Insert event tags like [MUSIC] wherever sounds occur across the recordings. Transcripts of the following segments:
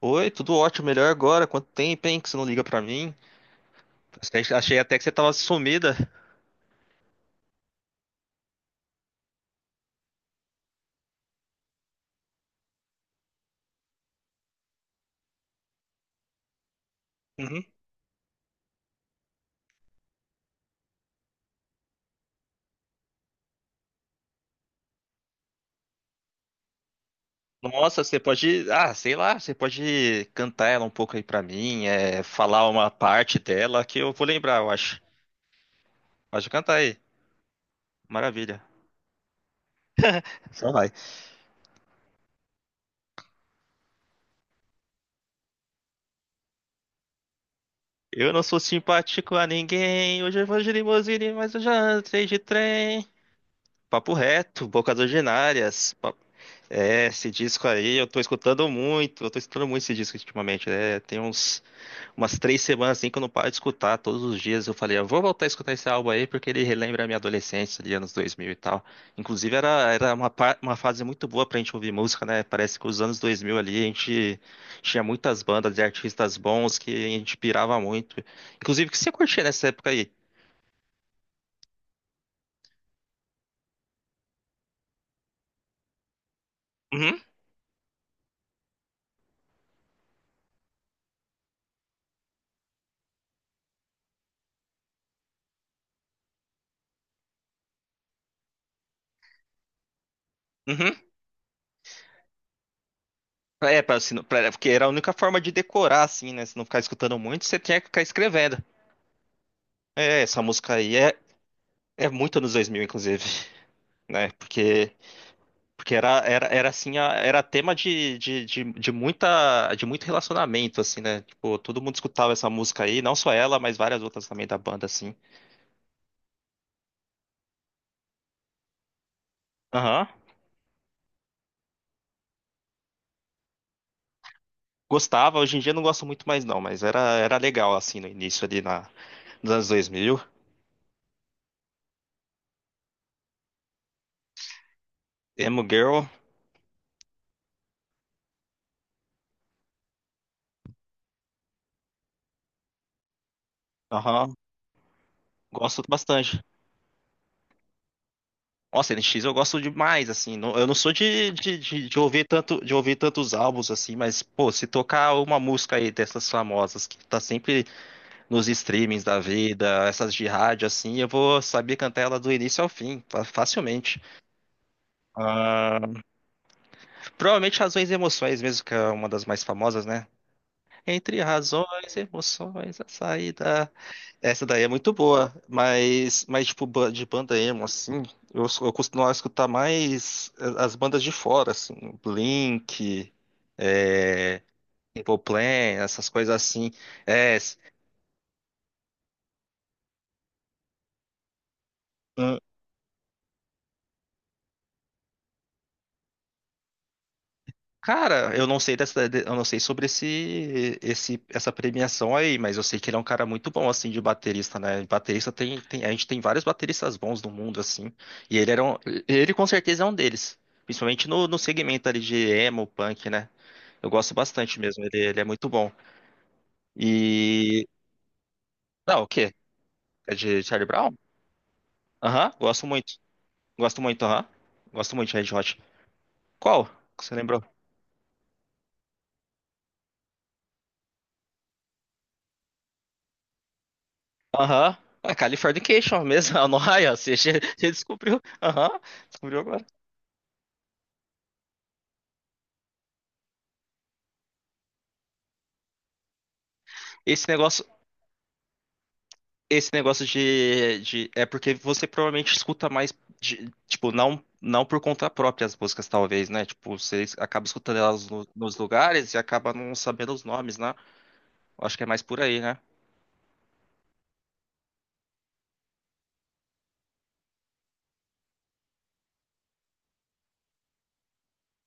Oi, tudo ótimo, melhor agora. Quanto tempo, hein, que você não liga pra mim? Achei até que você tava sumida. Uhum. Nossa, você pode, ah, sei lá, você pode cantar ela um pouco aí pra mim, é, falar uma parte dela que eu vou lembrar, eu acho. Pode cantar aí. Maravilha. Só vai. Eu não sou simpático a ninguém, hoje eu vou de limusine, mas eu já entrei de trem. Papo reto, bocas ordinárias. É, esse disco aí eu tô escutando muito, eu tô escutando muito esse disco ultimamente, né? Tem umas 3 semanas assim que eu não paro de escutar todos os dias. Eu falei, eu vou voltar a escutar esse álbum aí porque ele relembra a minha adolescência de anos 2000 e tal. Inclusive era uma fase muito boa pra gente ouvir música, né? Parece que os anos 2000 ali a gente tinha muitas bandas de artistas bons que a gente pirava muito. Inclusive, o que você curtia nessa época aí? Uhum, uhum. É, pra, se pra- porque era a única forma de decorar, assim, né? Se não ficar escutando muito, você tinha que ficar escrevendo. É, essa música aí é muito nos 2000 inclusive, [LAUGHS] né? Porque era assim, era tema de muito relacionamento, assim, né? Tipo, todo mundo escutava essa música aí, não só ela, mas várias outras também da banda, assim. Aham. Gostava, hoje em dia não gosto muito mais não, mas era legal, assim, no início ali nos anos 2000. Emo Girl, aham, gosto bastante. Nossa, NX eu gosto demais, assim. Eu não sou de ouvir tantos álbuns assim, mas, pô, se tocar uma música aí dessas famosas que tá sempre nos streamings da vida, essas de rádio, assim, eu vou saber cantar ela do início ao fim, facilmente. Ah, provavelmente Razões e Emoções mesmo, que é uma das mais famosas, né? Entre razões, emoções, a saída. Essa daí é muito boa, mas tipo, de banda emo, assim, eu costumo escutar mais as bandas de fora, assim, Blink, é, Simple Plan, essas coisas assim. É, s- Cara, eu não sei dessa, eu não sei sobre essa premiação aí, mas eu sei que ele é um cara muito bom assim de baterista, né? Baterista a gente tem vários bateristas bons no mundo assim, e ele era um, ele com certeza é um deles, principalmente no segmento ali de emo, punk, né? Eu gosto bastante mesmo, ele é muito bom. E não, o quê? É de Charlie Brown? Aham, gosto muito, aham, gosto muito de Red Hot. Qual? Você lembrou? Aham. A Californication mesmo, [LAUGHS] a Noia, você já, descobriu. Aham, descobriu agora. Esse negócio, esse negócio de, de. É porque você provavelmente escuta mais. Tipo, não, não por conta própria as músicas, talvez, né? Tipo, você acaba escutando elas nos lugares e acaba não sabendo os nomes, né? Eu acho que é mais por aí, né?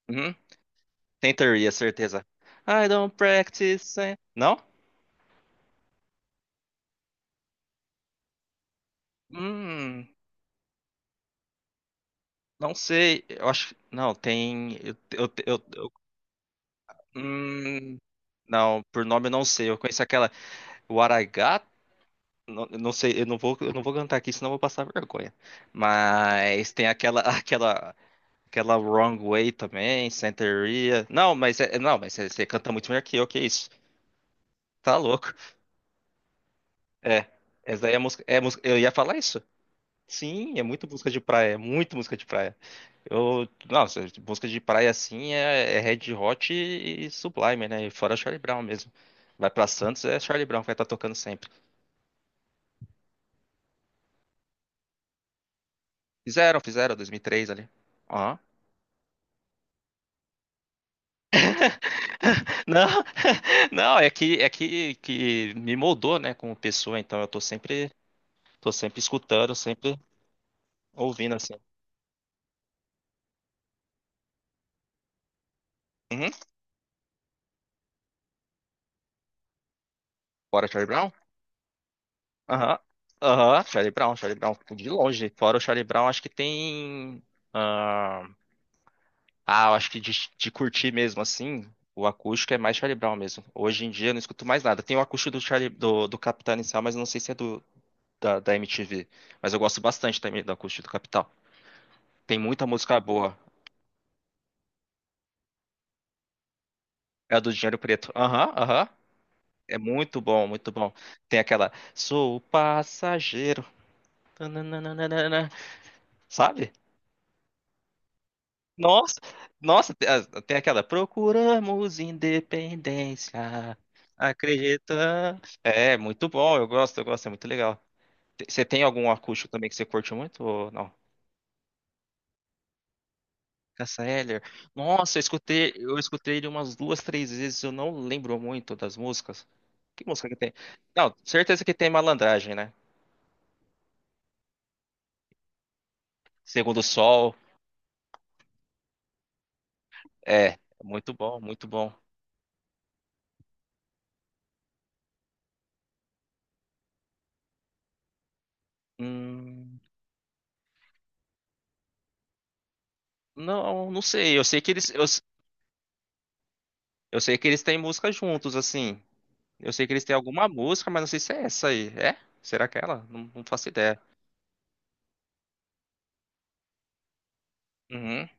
Uhum. Tem teoria, certeza. I don't practice. Eh. Não? Hum, não sei. Eu acho. Não, tem. Eu, eu, eu, Hum, não, por nome eu não sei. Eu conheço aquela o Aragá, não, eu não sei, eu não vou cantar aqui, senão eu vou passar vergonha. Mas tem aquela [LAUGHS] aquela Wrong Way também, Santeria. Não, mas é, não, mas você canta muito melhor que eu, que isso? Tá louco. É. Essa daí é música, eu ia falar isso. Sim, é muito música de praia, é muito música de praia. Nossa, música de praia assim é Red Hot e Sublime, né? E fora Charlie Brown mesmo. Vai pra Santos, é Charlie Brown que vai estar tocando sempre. Fizeram, 2003 ali. Ó. [LAUGHS] Não, [LAUGHS] não, que me moldou, né, como pessoa, então eu tô sempre escutando, sempre ouvindo assim. Uhum. Fora Charlie Brown? Aham. Aham, Charlie Brown, Charlie Brown, de longe. Fora o Charlie Brown, acho que tem. Ah, eu acho que de curtir mesmo assim, o acústico é mais Charlie Brown mesmo. Hoje em dia eu não escuto mais nada. Tem o acústico do Charlie, do Capital Inicial, mas eu não sei se é da MTV. Mas eu gosto bastante também do acústico do Capital. Tem muita música boa. É a do Dinheiro Preto. Aham, aham. É muito bom, muito bom. Tem aquela. Sou o passageiro. Tananana, sabe? Nossa, nossa, tem tem aquela Procuramos Independência, acredita. É, muito bom, eu gosto, é muito legal. Você tem algum acústico também que você curte muito ou não? Cássia Eller. Nossa, eu escutei ele umas duas, três vezes, eu não lembro muito das músicas. Que música que tem? Não, certeza que tem Malandragem, né? Segundo o Sol, é, muito bom, muito bom. Hum, não, não sei, eu sei que eles têm música juntos, assim. Eu sei que eles têm alguma música, mas não sei se é essa aí. É? Será que é ela? Não, não faço ideia. Uhum.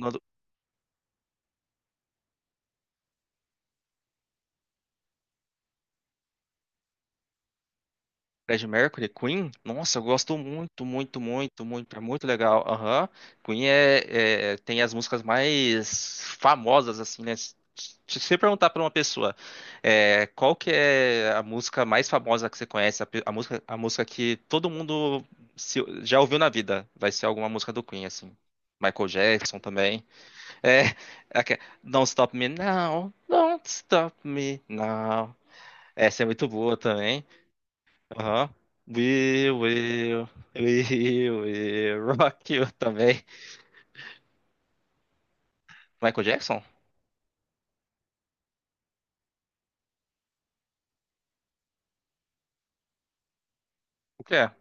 No do Fred Mercury, Queen? Nossa, eu gosto muito, muito, muito, muito. É muito legal. Aham. Queen tem as músicas mais famosas, assim, né? Se você perguntar pra uma pessoa, qual que é a música mais famosa que você conhece, a música que todo mundo já ouviu na vida, vai ser alguma música do Queen, assim. Michael Jackson também. É, Don't Stop Me Now, Don't Stop Me Now. Essa é muito boa também. Aham. We will, we will rock you também. Michael Jackson? O que é?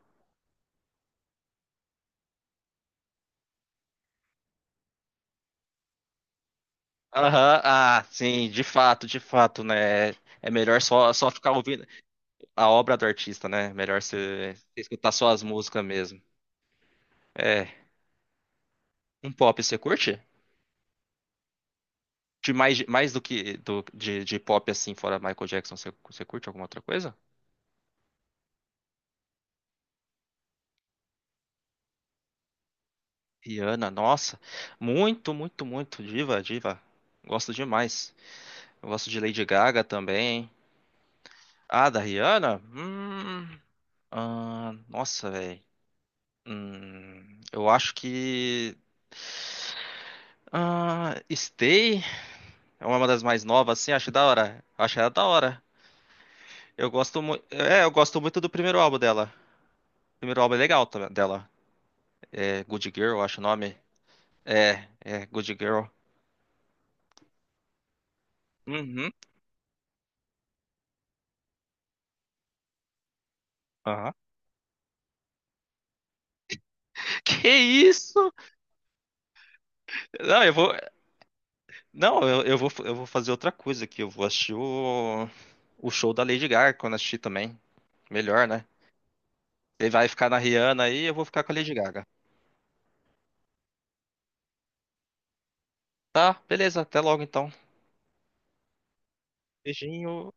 Aham, sim, de fato, né? É melhor só ficar ouvindo a obra do artista, né? Melhor você escutar só as músicas mesmo. É, um pop você curte? De mais do que de pop assim, fora Michael Jackson, você curte alguma outra coisa? Rihanna, nossa, muito, muito, muito, diva, diva. Gosto demais. Eu gosto de Lady Gaga também. Ah, da Rihanna? Ah, nossa, velho. Eu acho que Stay é uma das mais novas, assim, acho da hora. Acho ela da hora. Eu gosto muito, eu gosto muito do primeiro álbum dela. O primeiro álbum é legal também dela. É Good Girl, eu acho o nome. É Good Girl. Uhum. Aham. [LAUGHS] Que isso? Não, eu vou. Não, eu vou fazer outra coisa aqui. Eu vou assistir o show da Lady Gaga quando assistir também. Melhor, né? Ele vai ficar na Rihanna aí, eu vou ficar com a Lady Gaga. Tá, beleza, até logo então. Beijinho.